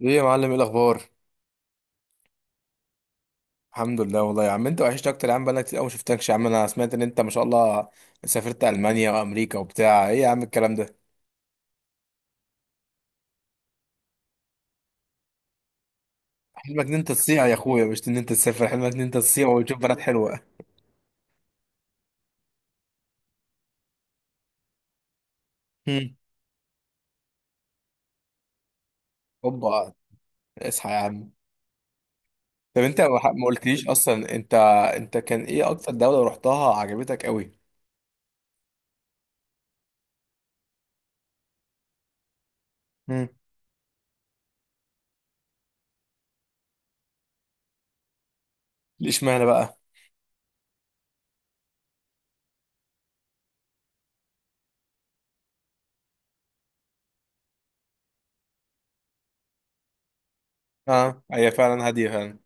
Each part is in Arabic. ايه يا معلم، ايه الاخبار؟ الحمد لله والله يا عم، انت وحشتك اكتر يا عم. بقالك كتير قوي ما شفتكش يا عم. انا سمعت ان انت ما شاء الله سافرت المانيا وامريكا وبتاع. ايه يا عم الكلام ده؟ حلمك ان انت تصيع يا اخويا، مش ان انت تسافر. حلمك ان انت تصيع وتشوف بنات حلوه. هم. هوبا. اصحى يا عم. طب انت ما قلتليش اصلا انت. انت كان ايه اكتر دوله رحتها عجبتك قوي؟ هم. ليش معنى بقى؟ اه، هي فعلا هاديه فعلا.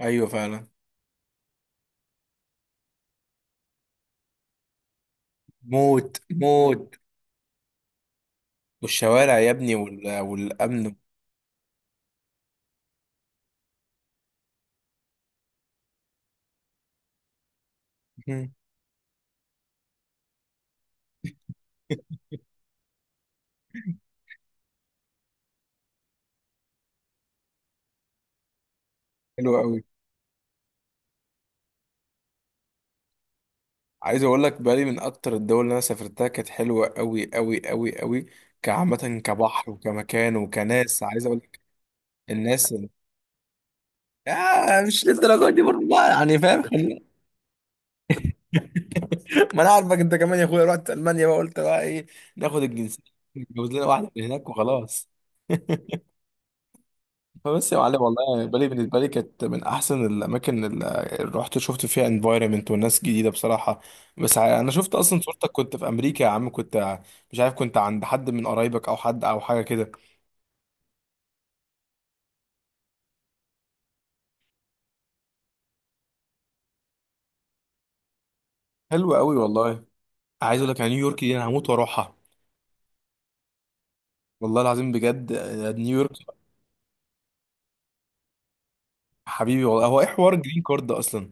ايوه فعلا. موت موت. والشوارع يا ابني والامن. هم. حلو قوي. عايز اقول لك، بالي من اكتر الدول اللي انا سافرتها، كانت حلوه قوي قوي قوي قوي. كعامه، كبحر وكمكان وكناس. عايز اقول لك الناس. آه مش للدرجه دي برضه بقى، يعني فاهم. ما انا عارفك انت كمان يا اخويا. رحت المانيا بقى قلت بقى ايه، ناخد الجنسيه، نتجوز لنا واحده من هناك وخلاص. فبس يا معلم، والله بالي بالنسبه لي كانت من احسن الاماكن اللي رحت، شفت فيها انفايرمنت والناس جديده بصراحه. بس انا شفت اصلا صورتك كنت في امريكا يا عم. كنت مش عارف، كنت عند حد من قرايبك او حد او حاجه كده. حلو قوي والله. عايز اقول لك على نيويورك دي، انا هموت واروحها. والله العظيم بجد. نيويورك حبيبي والله. هو ايه حوار الجرين كارد ده اصلا؟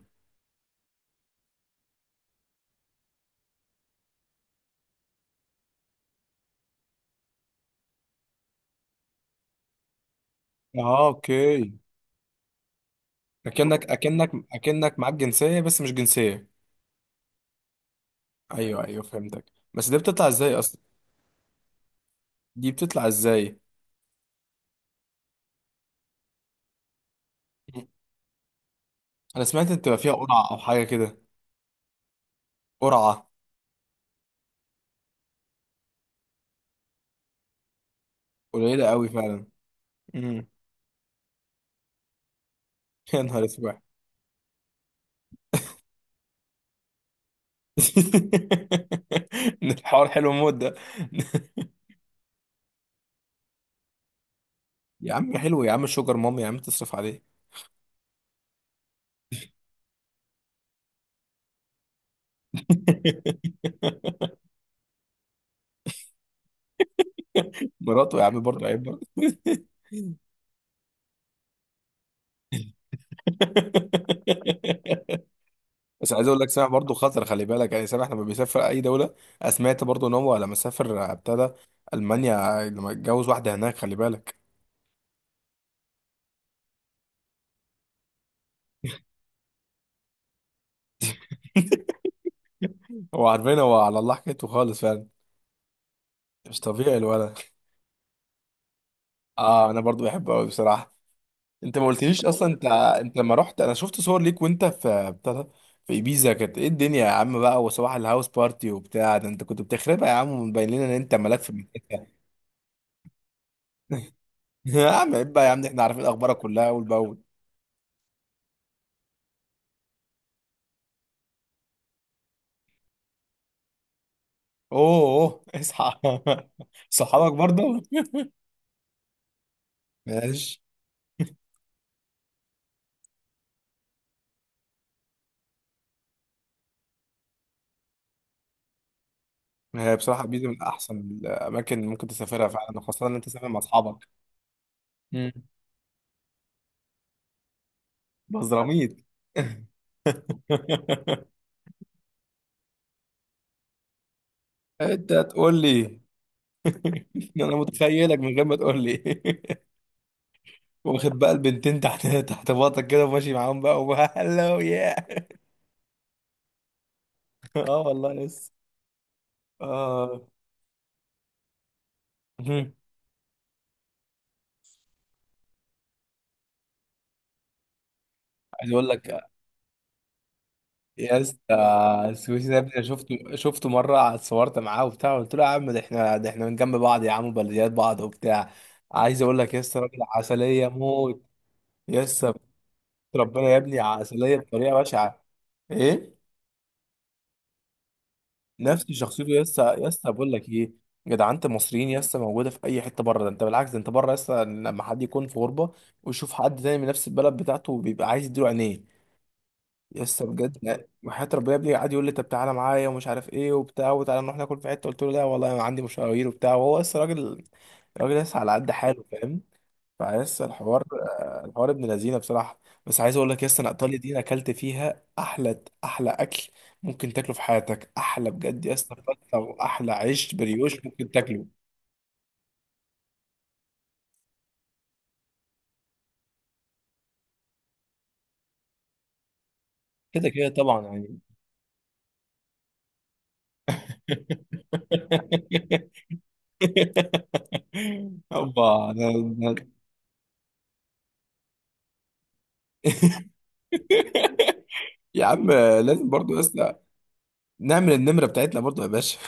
اه، اوكي. اكنك معاك جنسيه بس مش جنسيه. ايوه ايوه فهمتك. بس دي بتطلع ازاي اصلا؟ دي بتطلع ازاي؟ مم. انا سمعت ان بتبقى فيها قرعه او حاجه كده. قرعه. قليله قوي فعلا. امم. يا نهار اسود. الحوار حلو موت ده. يا عم حلو، يا عم شوجر ماما يا عم تصرف عليه. مراته يا عم برضه، عيب برضه. بس عايز اقول لك، سامح برضه خطر، خلي بالك. يعني سامح لما بيسافر اي دوله، أنا سمعت برضه ان هو لما سافر ابتدى المانيا لما اتجوز واحده هناك، خلي بالك. هو عارفين، هو على الله حكايته خالص فعلا. مش طبيعي الولد. اه، انا برضو بحبه قوي بصراحه. انت ما قلتليش اصلا انت. انت لما رحت، انا شفت صور ليك وانت في بتاع، في ايبيزا. كانت ايه الدنيا يا عم بقى، وصباح الهاوس بارتي وبتاع. ده انت كنت بتخربها يا عم، ومبين لنا ان انت ملاك في المكان. يا عم عيب بقى، يا عم احنا عارفين اخبارك كلها اول باول. اوه أوه، اصحى. صحابك برضه. ماشي. هي بصراحة بيزي من أحسن الأماكن اللي ممكن تسافرها فعلا، خاصة إن أنت تسافر مع أصحابك. مم. بزراميط. أنت تقول لي؟ أنا متخيلك من غير ما تقول لي. واخد بقى البنتين تحت تحت باطك كده، وماشي معاهم بقى وهلو يا. اه والله لسه. اه. مم. عايز اقول لك يا اسطى، السويسي ده يا ابني، أنا شفته مره، اتصورت معاه وبتاع، قلت له يا عم ده احنا ده احنا من جنب بعض يا عم وبلديات بعض وبتاع. عايز اقول لك يا اسطى راجل عسليه موت. يا اسطى، ربنا يا ابني عسليه بطريقه بشعه. ايه. نفس شخصيته يا اسطى، يا اسطى بقول لك ايه، جدعنة المصريين يا اسطى موجوده في اي حته بره. ده انت بالعكس، ده انت بره يا اسطى لما حد يكون في غربه ويشوف حد تاني من نفس البلد بتاعته، بيبقى عايز يديله عينيه. يسا بجد، لا وحياة ربنا يا ابني قعد يقول لي طب تعالى معايا ومش عارف ايه وبتاع، وتعالى نروح ناكل في حته. قلت له لا والله انا عندي مشاوير وبتاع، وهو لسه راجل، راجل لسه على قد حاله، فاهم. فلسه الحوار. الحوار ابن لذينه بصراحه. بس عايز اقول لك يسا، انا ايطاليا دي أنا اكلت فيها احلى احلى اكل ممكن تاكله في حياتك. احلى بجد يسا فتة واحلى عيش بريوش ممكن تاكله. كده كده طبعا يعني. أوبا. يا عم لازم برضو ناس، نعمل النمرة بتاعتنا برضو يا باشا.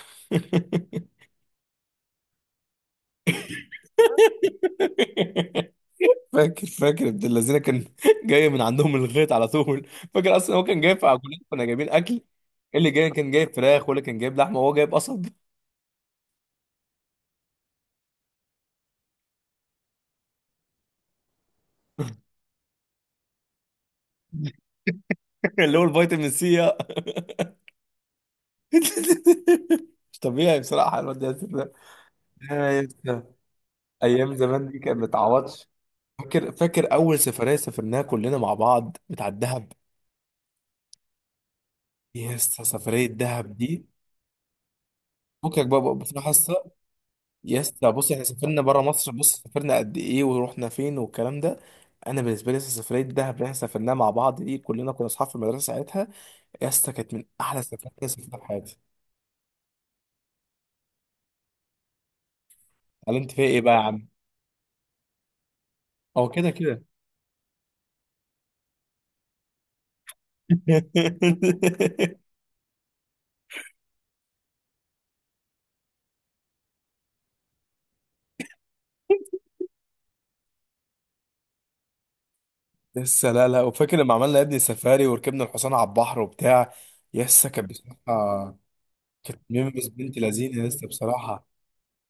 فاكر ابن الذين كان جاي من عندهم الغيط على طول. فاكر اصلا هو كان جايب في عجولات، كنا جايبين اكل. اللي جاي كان جايب فراخ، واللي كان جايب لحمه، وهو جايب قصب. اللي هو الفيتامين سي. مش طبيعي بصراحه الواد ياسر ده. يا ياسر. ايام زمان دي كانت متعوضش. فاكر اول سفريه سافرناها كلنا مع بعض بتاع الدهب. يا اسطى سفريه الدهب دي، فكك بقى بصراحه. يس بص، احنا سافرنا بره مصر، بص سافرنا قد ايه ورحنا فين والكلام ده. انا بالنسبه لي لسه سفريه دهب اللي احنا سافرناها مع بعض دي، كلنا كنا اصحاب في المدرسه ساعتها. يس كانت من احلى السفرات اللي سافرتها في حياتي. قال انت فيها ايه بقى يا عم. هو كده كده. لسه. لا لا، وفاكر لما عملنا يا ابني سفاري وركبنا الحصان على البحر وبتاع. يس كانت بصراحه، كانت ميمز بنت لذينه لسه بصراحه.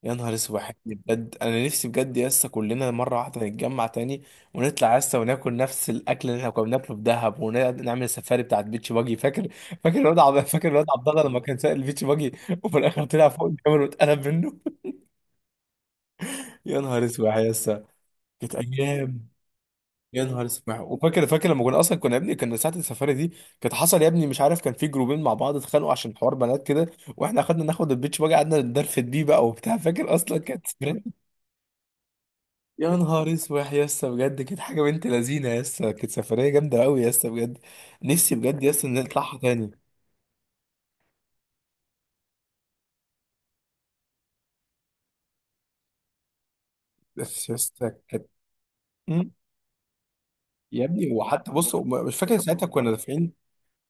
يا نهار اسود، حلو بجد. انا نفسي بجد يا اسطى كلنا مره واحده نتجمع تاني، ونطلع يا اسطى وناكل نفس الاكل اللي احنا كنا بناكله في دهب، ونعمل السفاري بتاعت بيتش باجي، فاكر؟ فاكر الواد عبد الله لما كان سائل البيتش باجي، وفي الاخر طلع فوق الجبل واتقلب منه. يا نهار اسود يا اسطى. كانت ايام. يا نهار اسود. وفاكر لما كنا اصلا، كنا يا ابني، كنا ساعه السفاري دي، كانت حصل يا ابني مش عارف كان في جروبين مع بعض اتخانقوا عشان حوار بنات كده. واحنا ناخد البيتش باجي، قعدنا ندرفد بيه بقى وبتاع، فاكر اصلا كانت. يا نهار اسود يا اسطى بجد، كانت حاجه بنت لذينه يا اسطى، كانت سفريه جامده قوي يا اسطى بجد. نفسي بجد يا اسطى ان نطلعها تاني. بس يا اسطى كانت. مم. يا ابني وحتى بص، مش فاكر ساعتها كنا دافعين.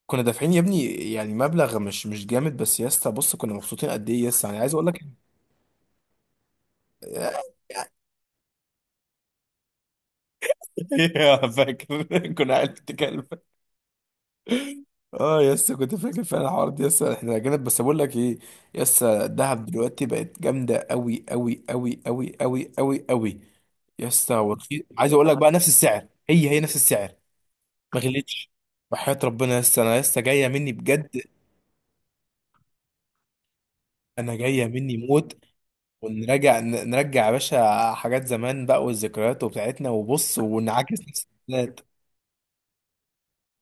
كنا دافعين يا ابني يعني مبلغ مش جامد، بس يا اسطى بص كنا مبسوطين قد ايه يا اسطى، يعني عايز اقول لك. فاكر. كنا عيال بتتكلم. اه يسا، كنت فاكر فعلا الحوار ده يسا، احنا جامد. بس بقول لك ايه، يسا الدهب دلوقتي بقت جامده قوي قوي قوي قوي قوي قوي قوي يا اسطى، ورخيص. عايز اقول لك بقى نفس السعر، هي هي نفس السعر. ما غلتش. وحياة ربنا يا اسطى انا لسه جايه مني بجد. انا جايه مني موت. ونرجع نرجع يا باشا حاجات زمان بقى، والذكريات وبتاعتنا، وبص ونعاكس نفس الذكريات.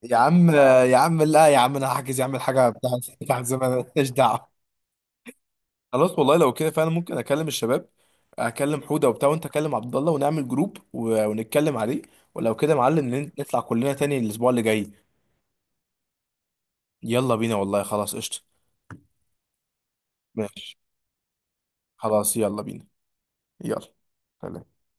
يا عم. يا عم لا يا عم، انا هحجز يا عم الحاجه بتاعت زمان ماليش دعوه. خلاص والله لو كده فعلا ممكن اكلم الشباب، اكلم حوده وبتاع، وانت اكلم عبد الله ونعمل جروب ونتكلم عليه. ولو كده يا معلم نطلع كلنا تاني الاسبوع اللي جاي. يلا بينا والله، خلاص قشطة. ماشي. خلاص يلا بينا. يلا، سلام.